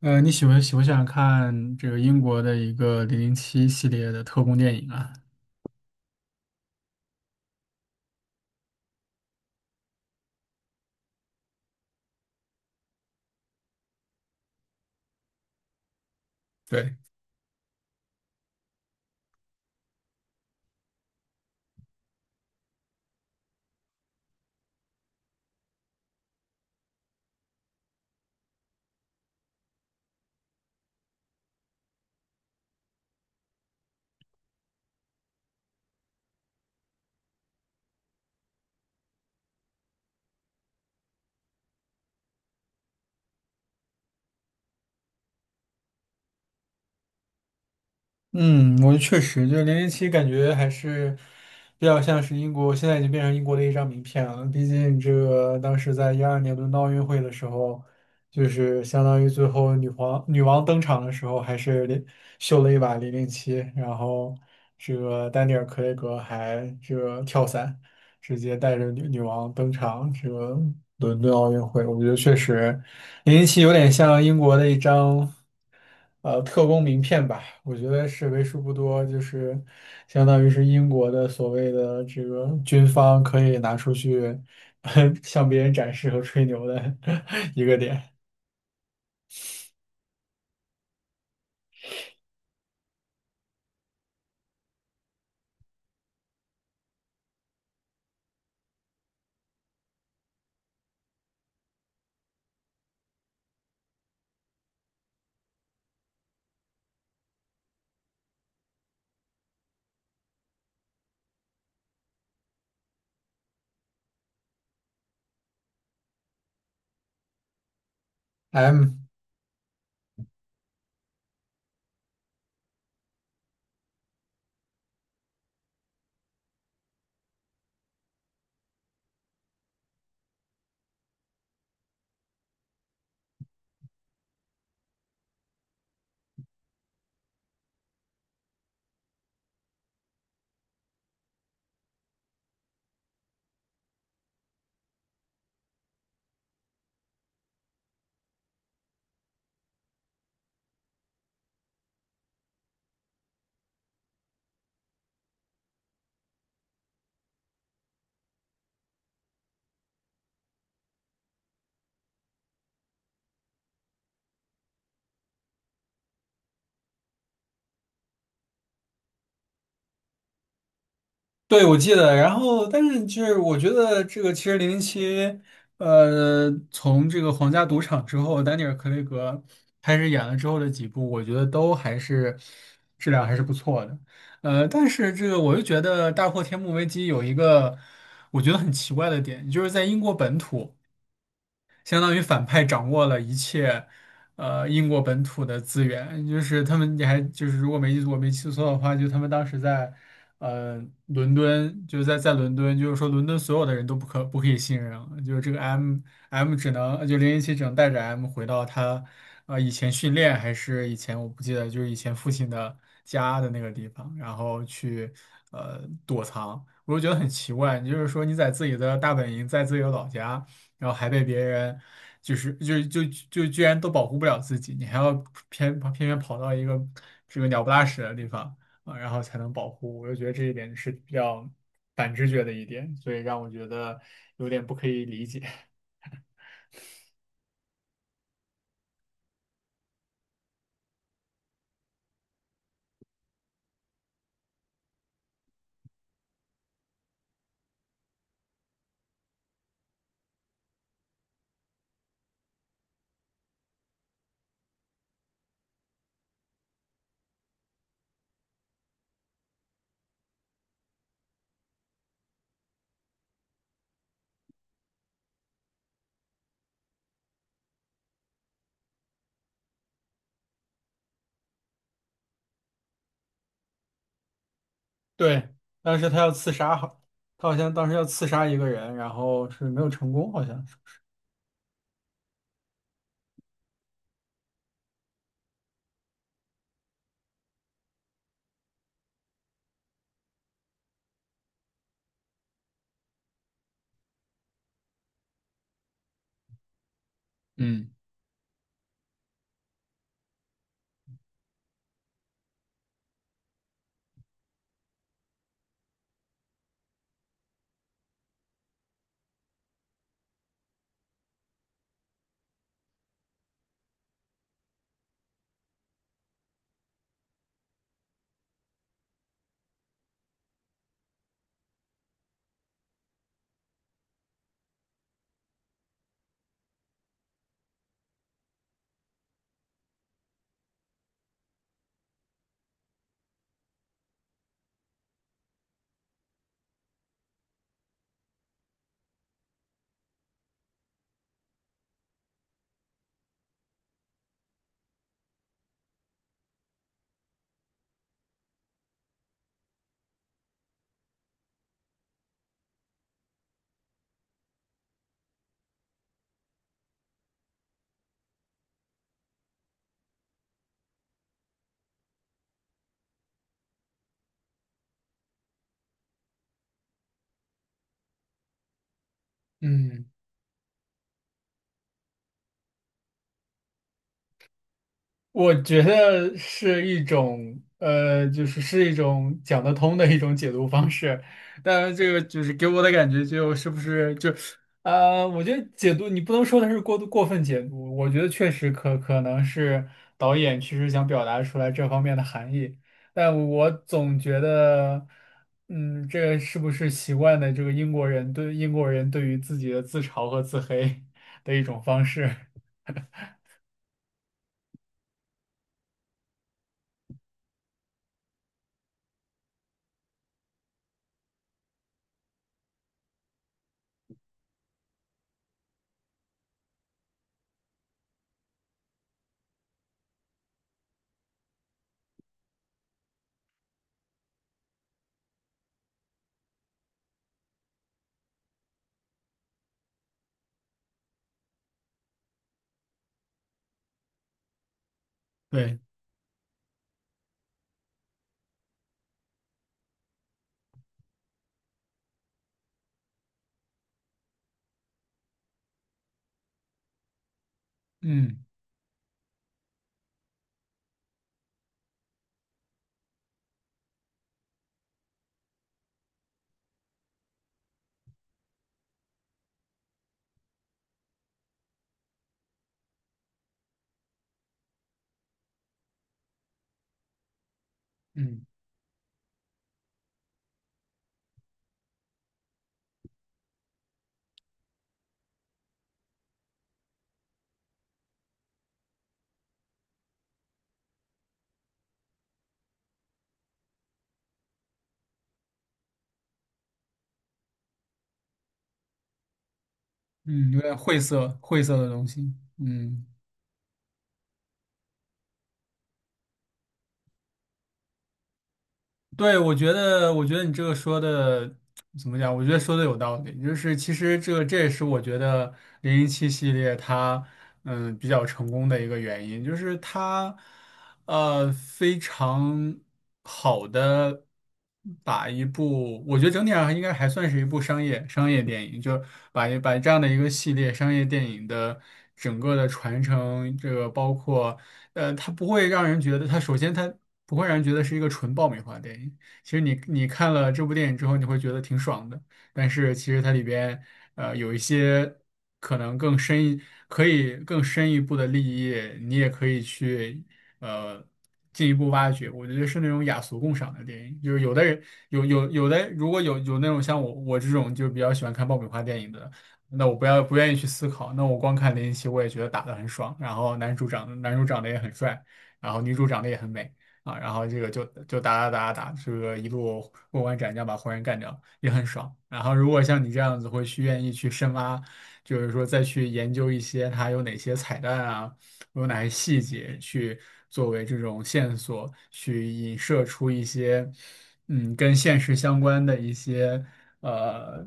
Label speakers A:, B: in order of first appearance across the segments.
A: 你喜不喜欢看这个英国的一个《零零七》系列的特工电影啊？对，嗯，我确实就是零零七，感觉还是比较像是英国，现在已经变成英国的一张名片了。毕竟这个当时在2012年伦敦奥运会的时候，就是相当于最后女王登场的时候，还是连秀了一把零零七，然后这个丹尼尔·克雷格还这个跳伞。直接带着女王登场这个伦敦奥运会，我觉得确实零零七有点像英国的一张特工名片吧，我觉得是为数不多，就是相当于是英国的所谓的这个军方可以拿出去 向别人展示和吹牛的 一个点。M, 对，我记得，然后但是就是我觉得这个其实零零七，从这个皇家赌场之后，丹尼尔·克雷格开始演了之后的几部，我觉得都还是质量还是不错的。但是这个我又觉得《大破天幕危机》有一个我觉得很奇怪的点，就是在英国本土。相当于反派掌握了一切，英国本土的资源，就是他们，你还就是如果没记我没记错的话，就他们当时在，伦敦，就是在伦敦，就是说伦敦所有的人都不可以信任了，就是这个 M 只能就零零七只能带着 M 回到他，以前训练还是以前我不记得，就是以前父亲的家的那个地方，然后去呃躲藏，我就觉得很奇怪，你就是说你在自己的大本营，在自己的老家。然后还被别人就是就就就居然都保护不了自己，你还要偏偏跑到一个这个鸟不拉屎的地方啊，然后才能保护。我就觉得这一点是比较反直觉的一点，所以让我觉得有点不可以理解。对，当时他要刺杀，好，他好像当时要刺杀一个人，然后是没有成功，好像是。嗯。嗯。我觉得是一种，就是是一种讲得通的一种解读方式，但这个就是给我的感觉就是不是就，我觉得解读你不能说它是过度过分解读，我觉得确实可能是导演其实想表达出来这方面的含义，但我总觉得，这个是不是习惯的这个英国人对于自己的自嘲和自黑的一种方式？对，嗯嗯。嗯，有点晦涩的东西。嗯，对，我觉得你这个说的怎么讲？我觉得说的有道理。就是其实这也是我觉得零零七系列它比较成功的一个原因，就是它非常好的。把一部，我觉得整体上应该还算是一部商业电影，就把这样的一个系列商业电影的整个的传承，这个包括，它首先不会让人觉得是一个纯爆米花电影。其实你看了这部电影之后，你会觉得挺爽的，但是其实它里边有一些可能更深一可以更深一步的利益，你也可以去呃进一步挖掘。我觉得是那种雅俗共赏的电影，就是有的人有的如果有那种像我这种就比较喜欢看爆米花电影的。那我不要不愿意去思考，那我光看林奇，我也觉得打得很爽，然后男主长得也很帅，然后女主长得也很美。啊，然后这个就打打打打打，这个一路过关斩将把活人干掉，也很爽。然后如果像你这样子，愿意去深挖，就是说再去研究一些它有哪些彩蛋啊，有哪些细节去作为这种线索，去引射出一些。跟现实相关的一些呃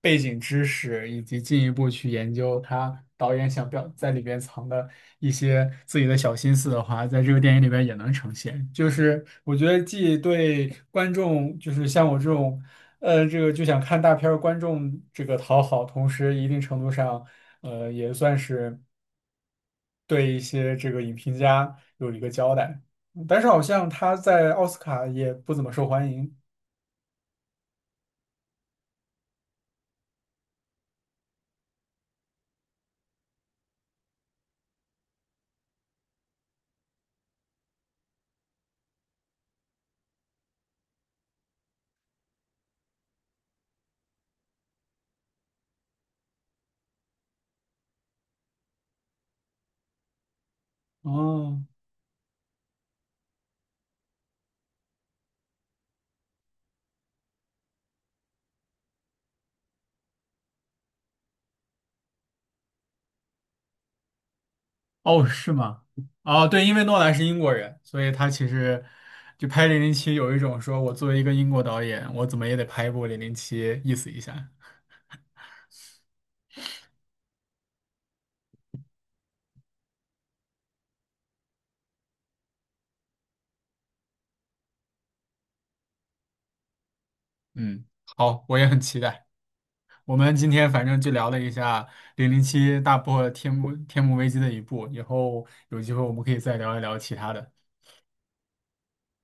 A: 背景知识，以及进一步去研究他导演想表在里边藏的一些自己的小心思的话，在这个电影里边也能呈现。就是我觉得既对观众，就是像我这种这个就想看大片儿观众这个讨好，同时一定程度上也算是对一些这个影评家有一个交代。但是好像他在奥斯卡也不怎么受欢迎。哦哦，是吗？哦，对，因为诺兰是英国人，所以他其实就拍《零零七》有一种说我作为一个英国导演，我怎么也得拍一部《零零七》意思一下。嗯，好，我也很期待。我们今天反正就聊了一下《零零七》大破天幕危机的一部，以后有机会我们可以再聊一聊其他的。